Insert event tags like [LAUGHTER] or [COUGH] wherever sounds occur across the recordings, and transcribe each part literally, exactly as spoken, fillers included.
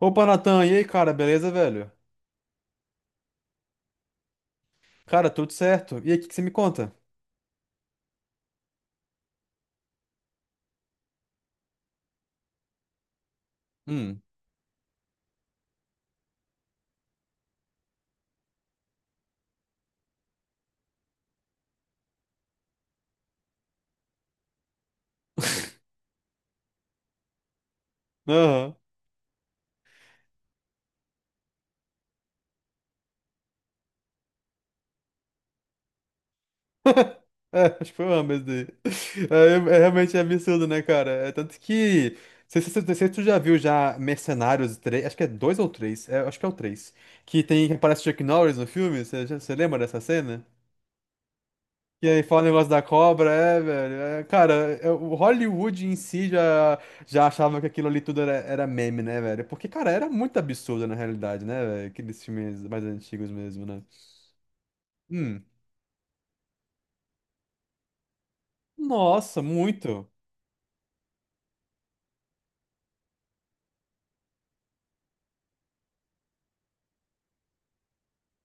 Opa, Natan, e aí, cara, beleza, velho? Cara, tudo certo. E aí, o que que você me conta? Hum. Aham. [LAUGHS] É, acho que foi uma mesmo daí. [LAUGHS] É, é realmente é absurdo, né, cara? É tanto que. Não sei se não sei se tu já viu já Mercenários três? Acho que é dois ou três, é, acho que é o três. Que tem que aparece o Chuck Norris no filme, você, já- você lembra dessa cena? E aí, fala o negócio da cobra, é, velho. É, cara, é, o Hollywood em si já, já achava que aquilo ali tudo era, era meme, né, velho? Porque, cara, era muito absurdo na realidade, né, velho? Aqueles filmes mais antigos mesmo, né? Hum. Nossa, muito.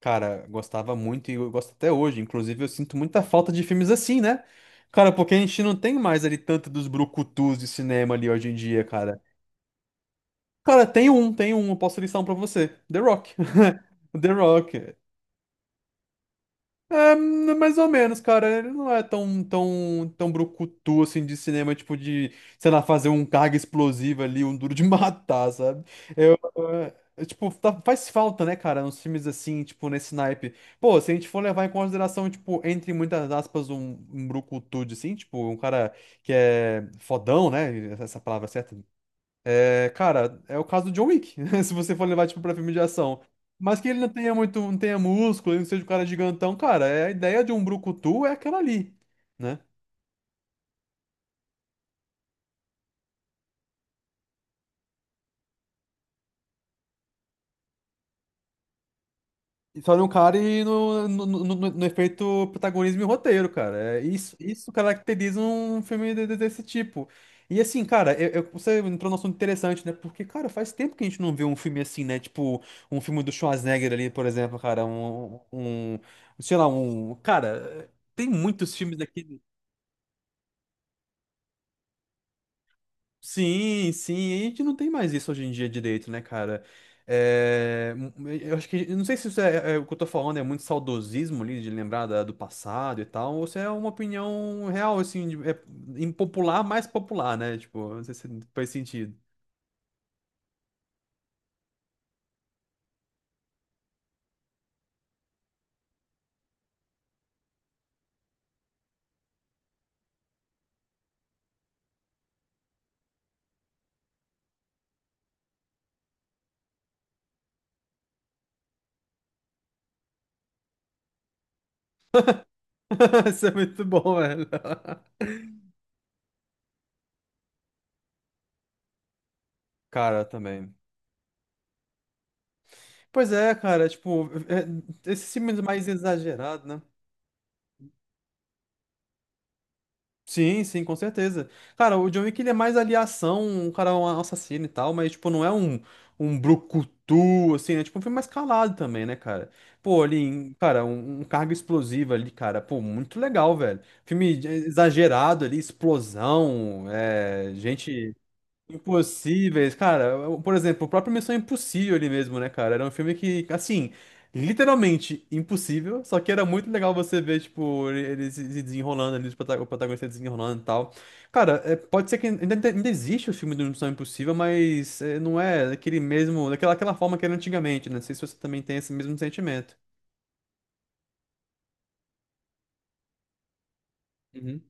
Cara, gostava muito e eu gosto até hoje. Inclusive, eu sinto muita falta de filmes assim, né? Cara, porque a gente não tem mais ali tanto dos brucutus de cinema ali hoje em dia, cara. Cara, tem um, tem um, eu posso listar um pra você. The Rock. [LAUGHS] The Rock. É, hum, mais ou menos, cara. Ele não é tão, tão, tão brucutu assim de cinema, tipo de, sei lá, fazer um carga explosiva ali, um duro de [LAUGHS] matar, sabe? Eu, eh, eu, tipo, tá- faz falta, né, cara, nos filmes assim, tipo, nesse naipe. Pô, se a gente for levar em consideração, tipo, entre muitas aspas, um, um brucutu, de, assim, tipo, um cara que é fodão, né? Essa palavra é certa, é, cara, é o caso do John Wick, [LAUGHS] se você for levar, tipo, pra filme de ação. Mas que ele não tenha muito, não tenha músculo, ele não seja um cara gigantão, cara, é, a ideia de um brucutu é aquela ali, né? E só no cara e no, no, no, no- no efeito protagonismo e roteiro, cara. É, isso, isso caracteriza um filme de- de- desse tipo. E assim, cara, eu, eu- você entrou num assunto interessante, né? Porque, cara, faz tempo que a gente não vê um filme assim, né? Tipo, um filme do Schwarzenegger ali, por exemplo, cara, um, um, sei lá, um, cara, tem muitos filmes daqui. Sim, sim, e a gente não tem mais isso hoje em dia direito, né, cara? É, hum, hum, eu acho que, eu não sei se isso é, é o que eu tô falando, é muito saudosismo ali, de lembrar da- do passado e tal, ou se é uma opinião real, assim, de- é impopular, mais popular, né? Tipo, não sei se faz sentido. [LAUGHS] Isso é muito bom, velho. [LAUGHS] Cara, também. Pois é, cara, tipo, é- é, esses filmes mais exagerados, né? Sim, sim, com certeza. Cara, o John Wick ele é mais ali ação, um cara é um assassino e tal, mas tipo, não é um, um brucutu, assim, né? Tipo, um filme mais calado também, né, cara? Pô, ali, em- cara, um, um carga explosiva ali, cara, pô, muito legal, velho. Filme de- exagerado ali, explosão, é, gente. Impossíveis, cara. Por exemplo, o próprio Missão Impossível ali mesmo, né, cara? Era um filme que, assim, literalmente impossível, só que era muito legal você ver, tipo, ele ele se se desenrolando ali, os prota- o protagonista desenrolando e tal. Cara, é, pode ser que ainda, ainda existe o filme do Missão Impossível, mas é, não é daquele mesmo, daquela aquela forma que era antigamente, né? Não sei se você também tem esse mesmo sentimento. Uhum.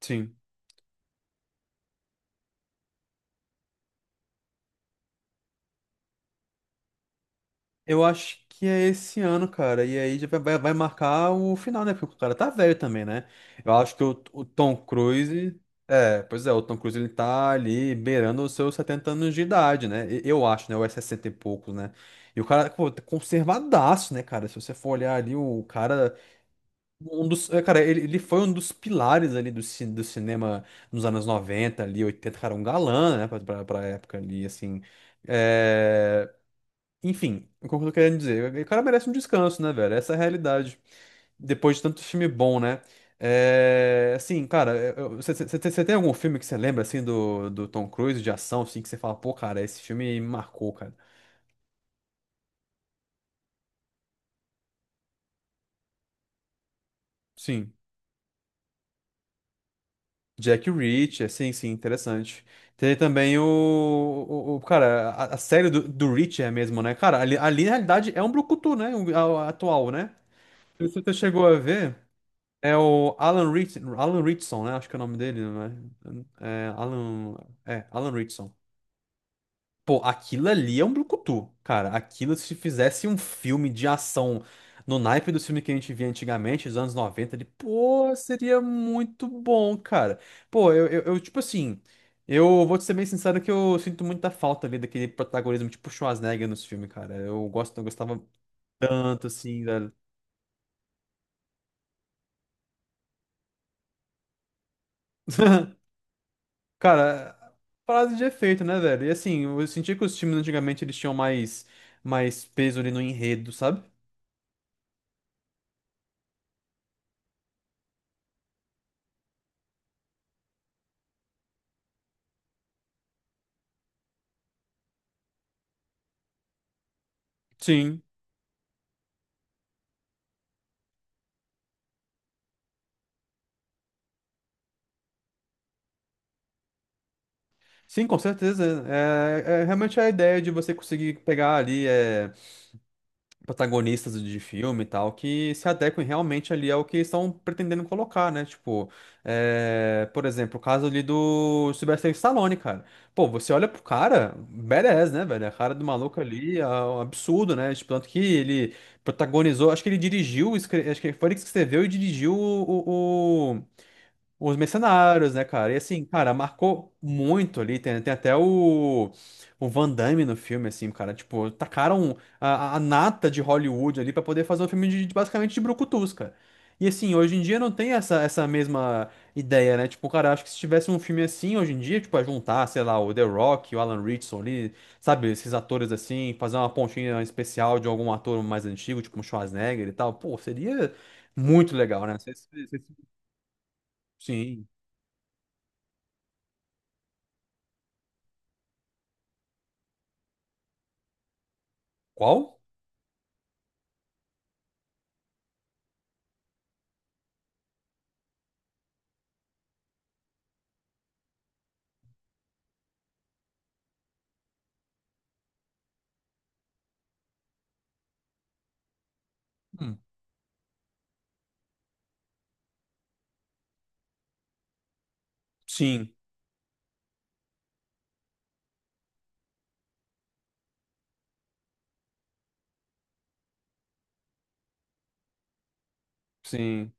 Sim. Eu acho que é esse ano, cara. E aí já vai, vai vai marcar o final, né? Porque o cara tá velho também, né? Eu acho que o, o Tom Cruise. É, pois é, o Tom Cruise ele tá ali beirando os seus setenta anos de idade, né? E- Eu acho, né? Ou é sessenta e poucos, né? E o cara, pô, tá conservadaço, né, cara? Se você for olhar ali, o cara. Um dos, é, cara, ele, ele foi um dos pilares ali do, ci- do cinema nos anos noventa ali, oitenta cara, um galã, né? Pra, pra, pra época ali, assim. É. Enfim, o que eu tô querendo dizer? O cara merece um descanso, né, velho? Essa é a realidade. Depois de tanto filme bom, né? É, assim, cara, você tem algum filme que você lembra, assim, do, do Tom Cruise, de ação, assim, que você fala, pô, cara, esse filme me marcou, cara. Sim. Jack Reacher, sim, sim, interessante. Tem também o, o, o- cara, a, a série do, do Reacher mesmo, né? Cara, ali, ali na realidade é um brucutu, né? O, a- a atual, né? Você chegou a ver? É o Alan Rich, Alan Richson, né? Acho que é o nome dele, né? É Alan, é, Alan Richson. Pô, aquilo ali é um brucutu, cara. Aquilo, se fizesse um filme de ação no naipe do filme que a gente via antigamente, dos anos noventa, ele, pô, seria muito bom, cara. Pô, eu, eu, eu, tipo assim, eu vou te ser bem sincero que eu sinto muita falta ali daquele protagonismo tipo Schwarzenegger nos filmes, cara. Eu gosto, eu gostava tanto, assim, velho. [LAUGHS] Cara, frase de efeito, né, velho? E assim, eu senti que os times antigamente eles tinham mais, mais peso ali no enredo, sabe? Sim. Sim, com certeza. É, é realmente é a ideia de você conseguir pegar ali. É, protagonistas de filme e tal, que se adequem realmente ali ao que estão pretendendo colocar, né? Tipo, é, por exemplo, o caso ali do Sylvester Stallone, cara. Pô, você olha pro cara, badass, né, velho? A cara do maluco ali é um absurdo, né? Tipo, tanto que ele protagonizou, acho que ele dirigiu, escre- acho que foi ele que escreveu e dirigiu o, os mercenários, né, cara? E assim, cara, marcou muito ali. Tem, tem até o, o Van Damme no filme, assim, cara. Tipo, tacaram a, a- a nata de Hollywood ali pra poder fazer um filme de, de- basicamente de brucutus, cara. E assim, hoje em dia não tem essa, essa mesma ideia, né? Tipo, cara, acho que se tivesse um filme assim hoje em dia, tipo, a juntar, sei lá, o The Rock, o Alan Richson ali, sabe? Esses atores assim, fazer uma pontinha especial de algum ator mais antigo, tipo um Schwarzenegger e tal. Pô, seria muito legal, né? Não sei se- se- se- Sim. Qual? Hum. Sim, sim.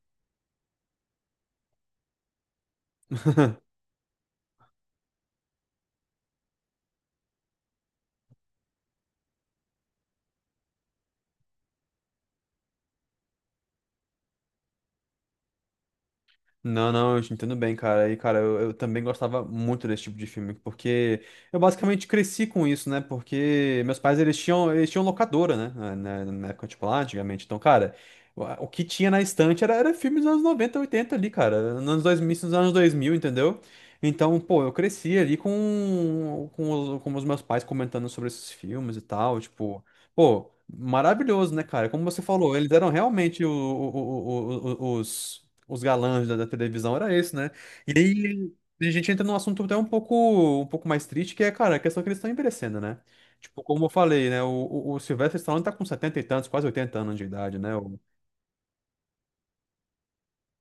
Não, não, eu te entendo bem, cara. E, cara, eu, eu também gostava muito desse tipo de filme, porque eu basicamente cresci com isso, né? Porque meus pais, eles tinham, eles tinham locadora, né? Na, na- na época, tipo, lá antigamente. Então, cara, o, o que tinha na estante era, era filmes dos anos noventa, oitenta ali, cara. Nos anos dois mil, nos anos dois mil, entendeu? Então, pô, eu cresci ali com, com, os, com os meus pais comentando sobre esses filmes e tal, tipo. Pô, maravilhoso, né, cara? Como você falou, eles eram realmente o, o- o- o- o- os os galãs da, da televisão era esse, né? E aí a gente entra num assunto até um pouco, um pouco mais triste, que é, cara, a questão que eles estão envelhecendo, né? Tipo, como eu falei, né? O, o, o Sylvester Stallone tá com setenta e tantos, quase oitenta anos de idade, né? O-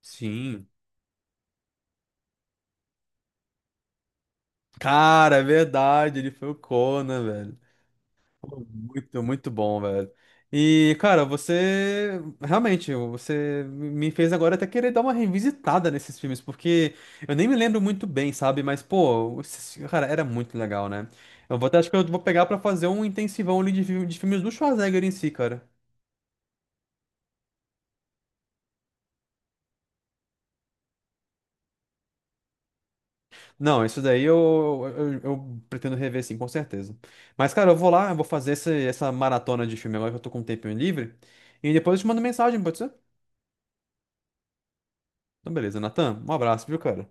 Sim. Cara, é verdade, ele foi o Conan. Muito, muito bom, velho. E, cara, você realmente, você me fez agora até querer dar uma revisitada nesses filmes, porque eu nem me lembro muito bem, sabe? Mas, pô, esses- cara, era muito legal, né? Eu vou até, acho que eu vou pegar pra fazer um intensivão ali de, fi- de filmes do Schwarzenegger em si, cara. Não, isso daí eu, eu, eu pretendo rever, sim, com certeza. Mas, cara, eu vou lá, eu vou fazer esse- essa maratona de filme agora que eu tô com um tempinho livre. E depois eu te mando mensagem, pode ser? Então, beleza, Natan, um abraço, viu, cara?